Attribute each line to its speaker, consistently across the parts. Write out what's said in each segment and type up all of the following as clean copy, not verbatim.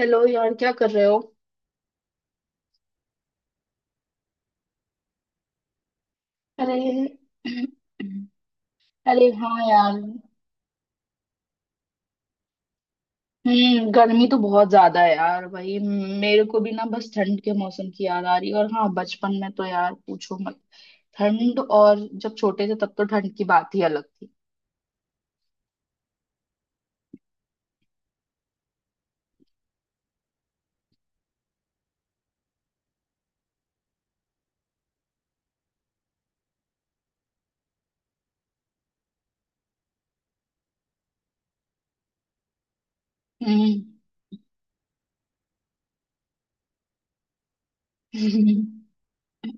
Speaker 1: Hello यार, क्या कर रहे हो। अरे। अरे हाँ यार। हम्म, गर्मी तो बहुत ज्यादा है यार भाई। मेरे को भी ना बस ठंड के मौसम की याद आ रही है। और हाँ, बचपन में तो यार पूछो मत। ठंड और जब छोटे थे तब तो ठंड की बात ही अलग थी। हम्म।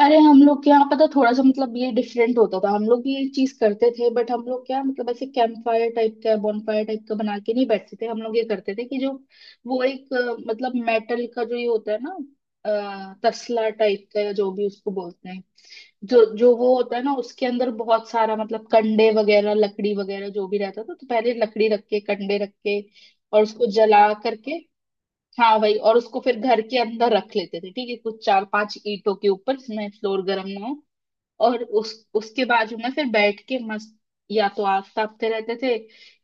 Speaker 1: अरे हम लोग के यहाँ पता, थोड़ा सा मतलब ये डिफरेंट होता था। हम लोग भी ये चीज करते थे बट हम लोग क्या मतलब, ऐसे कैंप फायर टाइप का बॉनफायर टाइप का बना के नहीं बैठते थे। हम लोग ये करते थे कि जो वो एक मतलब मेटल का जो ये होता है ना, तसला टाइप का, या जो भी उसको बोलते हैं। जो जो वो होता है ना, उसके अंदर बहुत सारा मतलब कंडे वगैरह लकड़ी वगैरह जो भी रहता था, तो पहले लकड़ी रख के कंडे रख के और उसको जला करके। हाँ भाई, और उसको फिर घर के अंदर रख लेते थे, ठीक है, कुछ 4 5 ईंटों के ऊपर जिसमें फ्लोर गर्म ना हो। और उस उसके बाजू में फिर बैठ के मस्त या तो आग तापते रहते थे,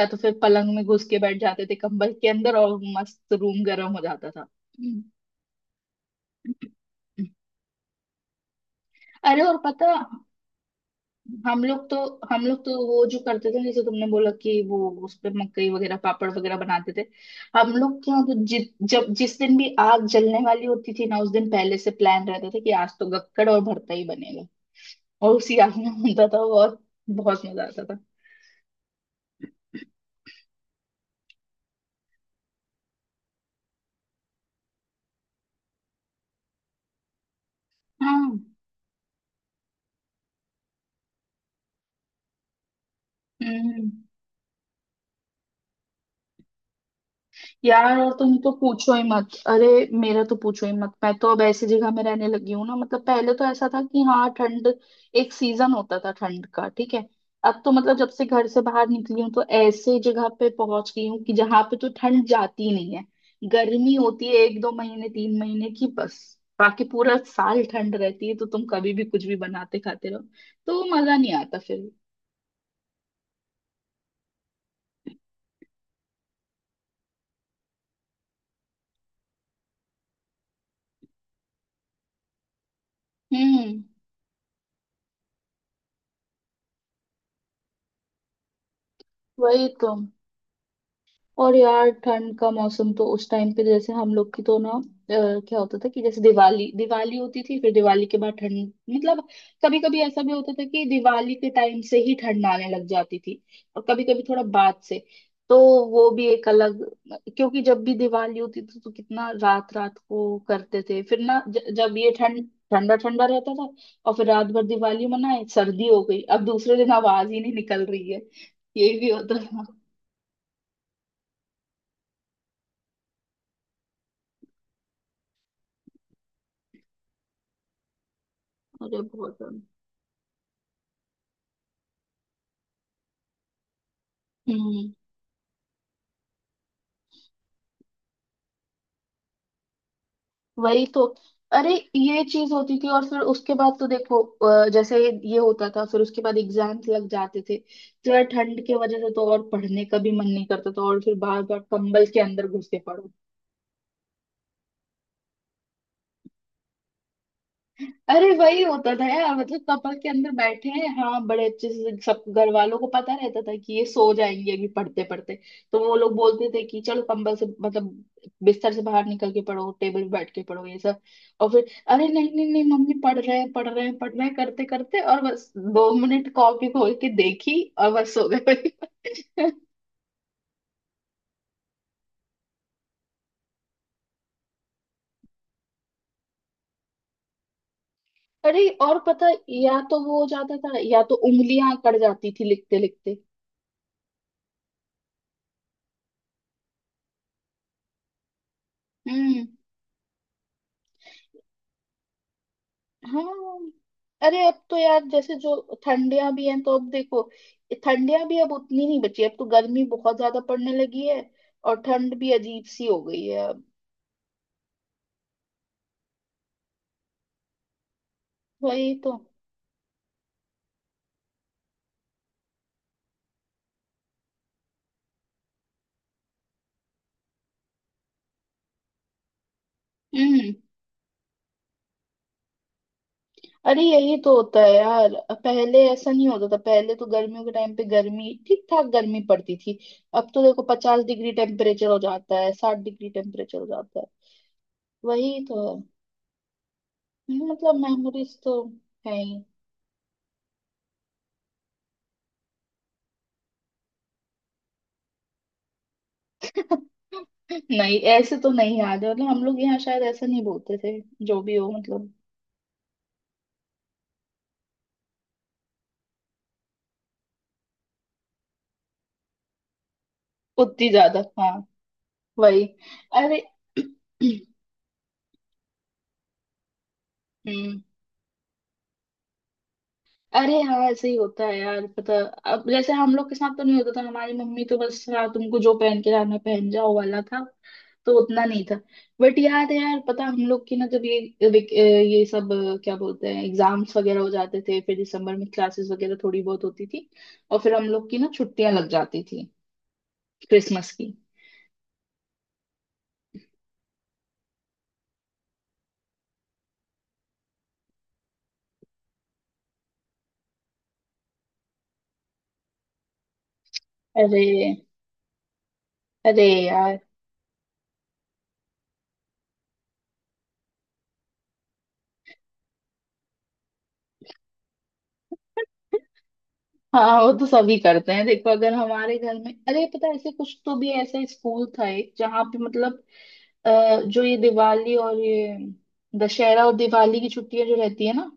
Speaker 1: या तो फिर पलंग में घुस के बैठ जाते थे कंबल के अंदर और मस्त रूम गर्म हो जाता था। हम्म। अरे और पता, हम लोग तो हम लोग तो वो जो करते थे जैसे तुमने बोला कि वो उस पे मकई वगैरह पापड़ वगैरह बनाते थे। हम लोग क्या, तो जब जिस दिन भी आग जलने वाली होती थी ना, उस दिन पहले से प्लान रहता था कि आज तो गक्कड़ और भरता ही बनेगा। और उसी आग में होता था और बहुत मजा आता था। हाँ। हम्म। यार और तुम तो पूछो ही मत। अरे मेरा तो पूछो ही मत, मैं तो अब ऐसी जगह में रहने लगी हूँ ना। मतलब पहले तो ऐसा था कि हाँ ठंड, एक सीजन होता था ठंड का, ठीक है। अब तो मतलब जब से घर से बाहर निकली हूँ तो ऐसे जगह पे पहुंच गई हूँ कि जहाँ पे तो ठंड जाती ही नहीं है। गर्मी होती है एक दो महीने तीन महीने की बस। बाकी पूरा साल ठंड रहती है, तो तुम कभी भी कुछ भी बनाते खाते रहो तो मजा नहीं आता फिर। हम्म। वही तो। और यार ठंड का मौसम तो उस टाइम पे, जैसे हम लोग की तो ना क्या होता था कि जैसे दिवाली, दिवाली होती थी फिर दिवाली के बाद ठंड मतलब, कभी कभी ऐसा भी होता था कि दिवाली के टाइम से ही ठंड आने लग जाती थी, और कभी कभी थोड़ा बाद से। तो वो भी एक अलग, क्योंकि जब भी दिवाली होती थी तो कितना रात रात को करते थे, फिर ना जब ये ठंड ठंडा ठंडा रहता था। और फिर रात भर दिवाली मनाए, सर्दी हो गई, अब दूसरे दिन आवाज ही नहीं निकल रही है, ये भी होता था। अरे बहुत। हम्म। वही तो। अरे ये चीज होती थी और फिर उसके बाद तो देखो जैसे ये होता था, फिर उसके बाद एग्जाम्स लग जाते थे तो यार ठंड की वजह से तो और पढ़ने का भी मन नहीं करता था, और फिर बार बार कंबल के अंदर घुस के पड़ो। अरे वही होता था यार। मतलब कपल के अंदर बैठे हैं, हाँ, बड़े अच्छे से सब घर वालों को पता रहता था कि ये सो जाएंगे अभी पढ़ते पढ़ते, तो वो लोग बोलते थे कि चलो कंबल से मतलब बिस्तर से बाहर निकल के पढ़ो, टेबल पे बैठ के पढ़ो, ये सब। और फिर अरे नहीं नहीं नहीं मम्मी, पढ़ रहे हैं पढ़ रहे हैं पढ़ रहे हैं करते करते, और बस 2 मिनट कॉपी खोल के देखी और बस सो गए। अरे और पता, या तो वो हो जाता था या तो उंगलियां अकड़ जाती थी लिखते लिखते। हम्म। हाँ। अरे अब तो यार जैसे जो ठंडियां भी हैं तो अब देखो, ठंडियां भी अब उतनी नहीं बची, अब तो गर्मी बहुत ज्यादा पड़ने लगी है। और ठंड भी अजीब सी हो गई है अब। वही तो। हम्म। अरे यही तो होता है यार। पहले ऐसा नहीं होता था, पहले तो गर्मियों के टाइम पे गर्मी ठीक ठाक गर्मी पड़ती थी। अब तो देखो, 50 डिग्री टेम्परेचर हो जाता है, 60 डिग्री टेम्परेचर हो जाता है। वही तो है। मतलब मेमोरीज तो है ही। नहीं, ऐसे तो नहीं याद है। मतलब हम लोग यहाँ शायद ऐसा नहीं बोलते थे। जो भी हो मतलब। उतनी ज्यादा हाँ। वही। अरे। हम्म। अरे हाँ ऐसे ही होता है यार पता। अब जैसे हम लोग के साथ तो नहीं होता था, हमारी मम्मी तो बस हाँ, तुमको जो पहन के जाना पहन जाओ वाला था। तो उतना नहीं था। बट याद है यार पता, हम लोग की ना जब ये ये सब क्या बोलते हैं एग्जाम्स वगैरह हो जाते थे, फिर दिसंबर में क्लासेस वगैरह थोड़ी बहुत होती थी, और फिर हम लोग की ना छुट्टियां लग जाती थी क्रिसमस की। अरे। अरे यार। हाँ वो तो सभी करते हैं देखो। अगर हमारे घर में, अरे पता है, ऐसे कुछ तो भी ऐसा स्कूल था एक, जहाँ पे मतलब अ, जो ये दिवाली और ये दशहरा और दिवाली की छुट्टियां जो रहती है ना,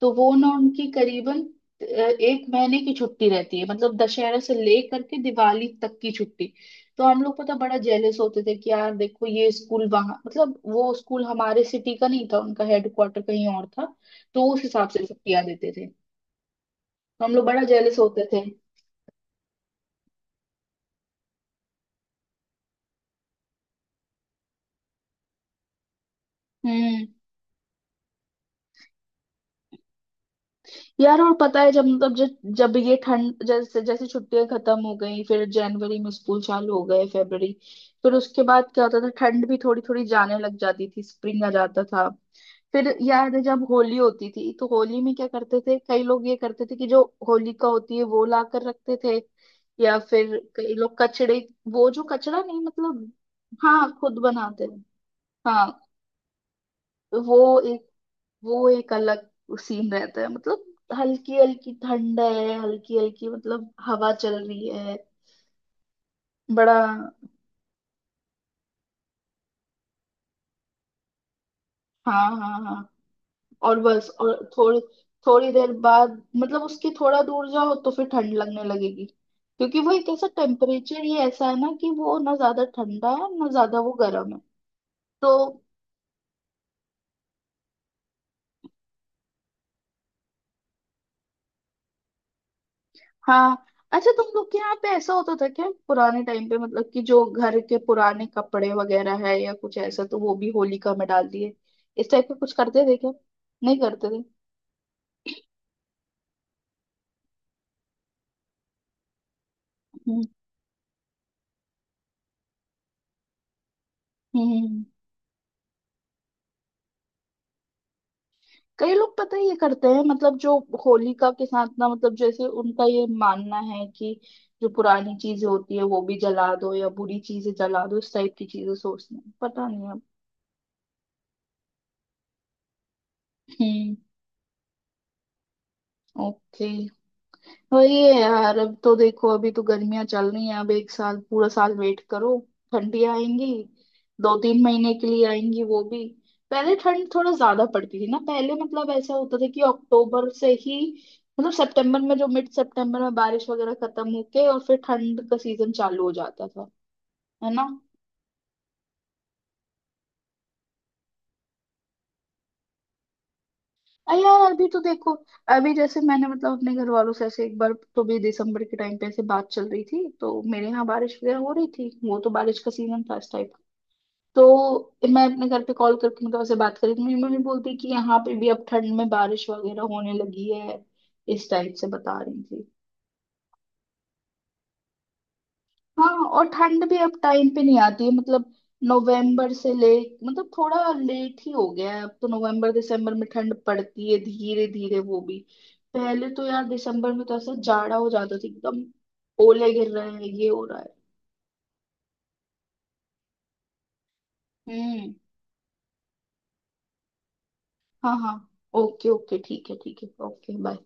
Speaker 1: तो वो ना उनकी करीबन 1 महीने की छुट्टी रहती है। मतलब दशहरा से ले करके दिवाली तक की छुट्टी। तो हम लोग पता बड़ा जेलस होते थे कि यार देखो ये स्कूल, वहाँ मतलब, वो स्कूल हमारे सिटी का नहीं था, उनका हेडक्वार्टर कहीं और था तो उस हिसाब से छुट्टियां देते थे। तो हम लोग बड़ा जेलस होते थे। हम्म। यार और पता है, जब मतलब जब जब ये ठंड जैसे जैसे छुट्टियां खत्म हो गई, फिर जनवरी में स्कूल चालू हो गए, फरवरी, फिर उसके बाद क्या होता था, ठंड भी थोड़ी थोड़ी जाने लग जाती थी, स्प्रिंग आ जाता था। फिर याद है जब होली होती थी, तो होली में क्या करते थे, कई लोग ये करते थे कि जो होलिका होती है वो ला कर रखते थे, या फिर कई लोग कचड़े, वो जो कचड़ा नहीं मतलब, हाँ खुद बनाते हैं, हाँ। वो एक वो एक अलग सीन रहता है मतलब। हल्की हल्की ठंड है, हल्की हल्की मतलब हवा चल रही है, बड़ा। हाँ हाँ हाँ। और बस और थोड़ी, थोड़ी देर बाद मतलब उसके थोड़ा दूर जाओ तो फिर ठंड लगने लगेगी, क्योंकि वो एक ऐसा टेम्परेचर ही ऐसा है ना कि वो ना ज्यादा ठंडा है ना ज्यादा वो गर्म है। तो हाँ। अच्छा, तुम लोग के यहाँ पे ऐसा होता था क्या पुराने टाइम पे, मतलब कि जो घर के पुराने कपड़े वगैरह है या कुछ ऐसा तो वो भी होलिका में डाल दिए, इस टाइप का कुछ करते थे क्या। नहीं करते थे। हम्म। हम्म हम्म। कई लोग पता है ये करते हैं, मतलब जो होलिका के साथ ना, मतलब जैसे उनका ये मानना है कि जो पुरानी चीजें होती है वो भी जला दो, या बुरी चीजें जला दो, इस टाइप की चीजें सोचते हैं पता नहीं अब। हम्म। ओके। वही है यार, अब तो देखो अभी तो गर्मियां चल रही हैं, अब एक साल पूरा साल वेट करो। ठंडी आएंगी, 2 3 महीने के लिए आएंगी, वो भी। पहले ठंड थोड़ा ज्यादा पड़ती थी ना पहले। मतलब ऐसा होता था कि अक्टूबर से ही, मतलब सितंबर में, जो मिड सितंबर में बारिश वगैरह खत्म होके और फिर ठंड का सीजन चालू हो जाता था, है ना। अरे यार अभी तो देखो। अभी जैसे मैंने मतलब अपने घर वालों से ऐसे एक बार तो भी दिसंबर के टाइम पे ऐसे बात चल रही थी, तो मेरे यहाँ बारिश वगैरह हो रही थी, वो तो बारिश का सीजन था इस टाइम। तो मैं अपने घर पे कॉल करके मतलब उसे बात करी तो मेरी मम्मी बोलती कि यहाँ पे भी अब ठंड में बारिश वगैरह होने लगी है, इस टाइप से बता रही थी। हाँ और ठंड भी अब टाइम पे नहीं आती है मतलब। नवंबर से ले, मतलब थोड़ा लेट ही हो गया है अब तो, नवंबर दिसंबर में ठंड पड़ती है धीरे धीरे वो भी। पहले तो यार दिसंबर में तो ऐसा जाड़ा हो जाता था एकदम, ओले गिर रहे हैं, ये हो रहा है। हम्म। हाँ हाँ। ओके ओके ठीक है, ठीक है, ओके बाय।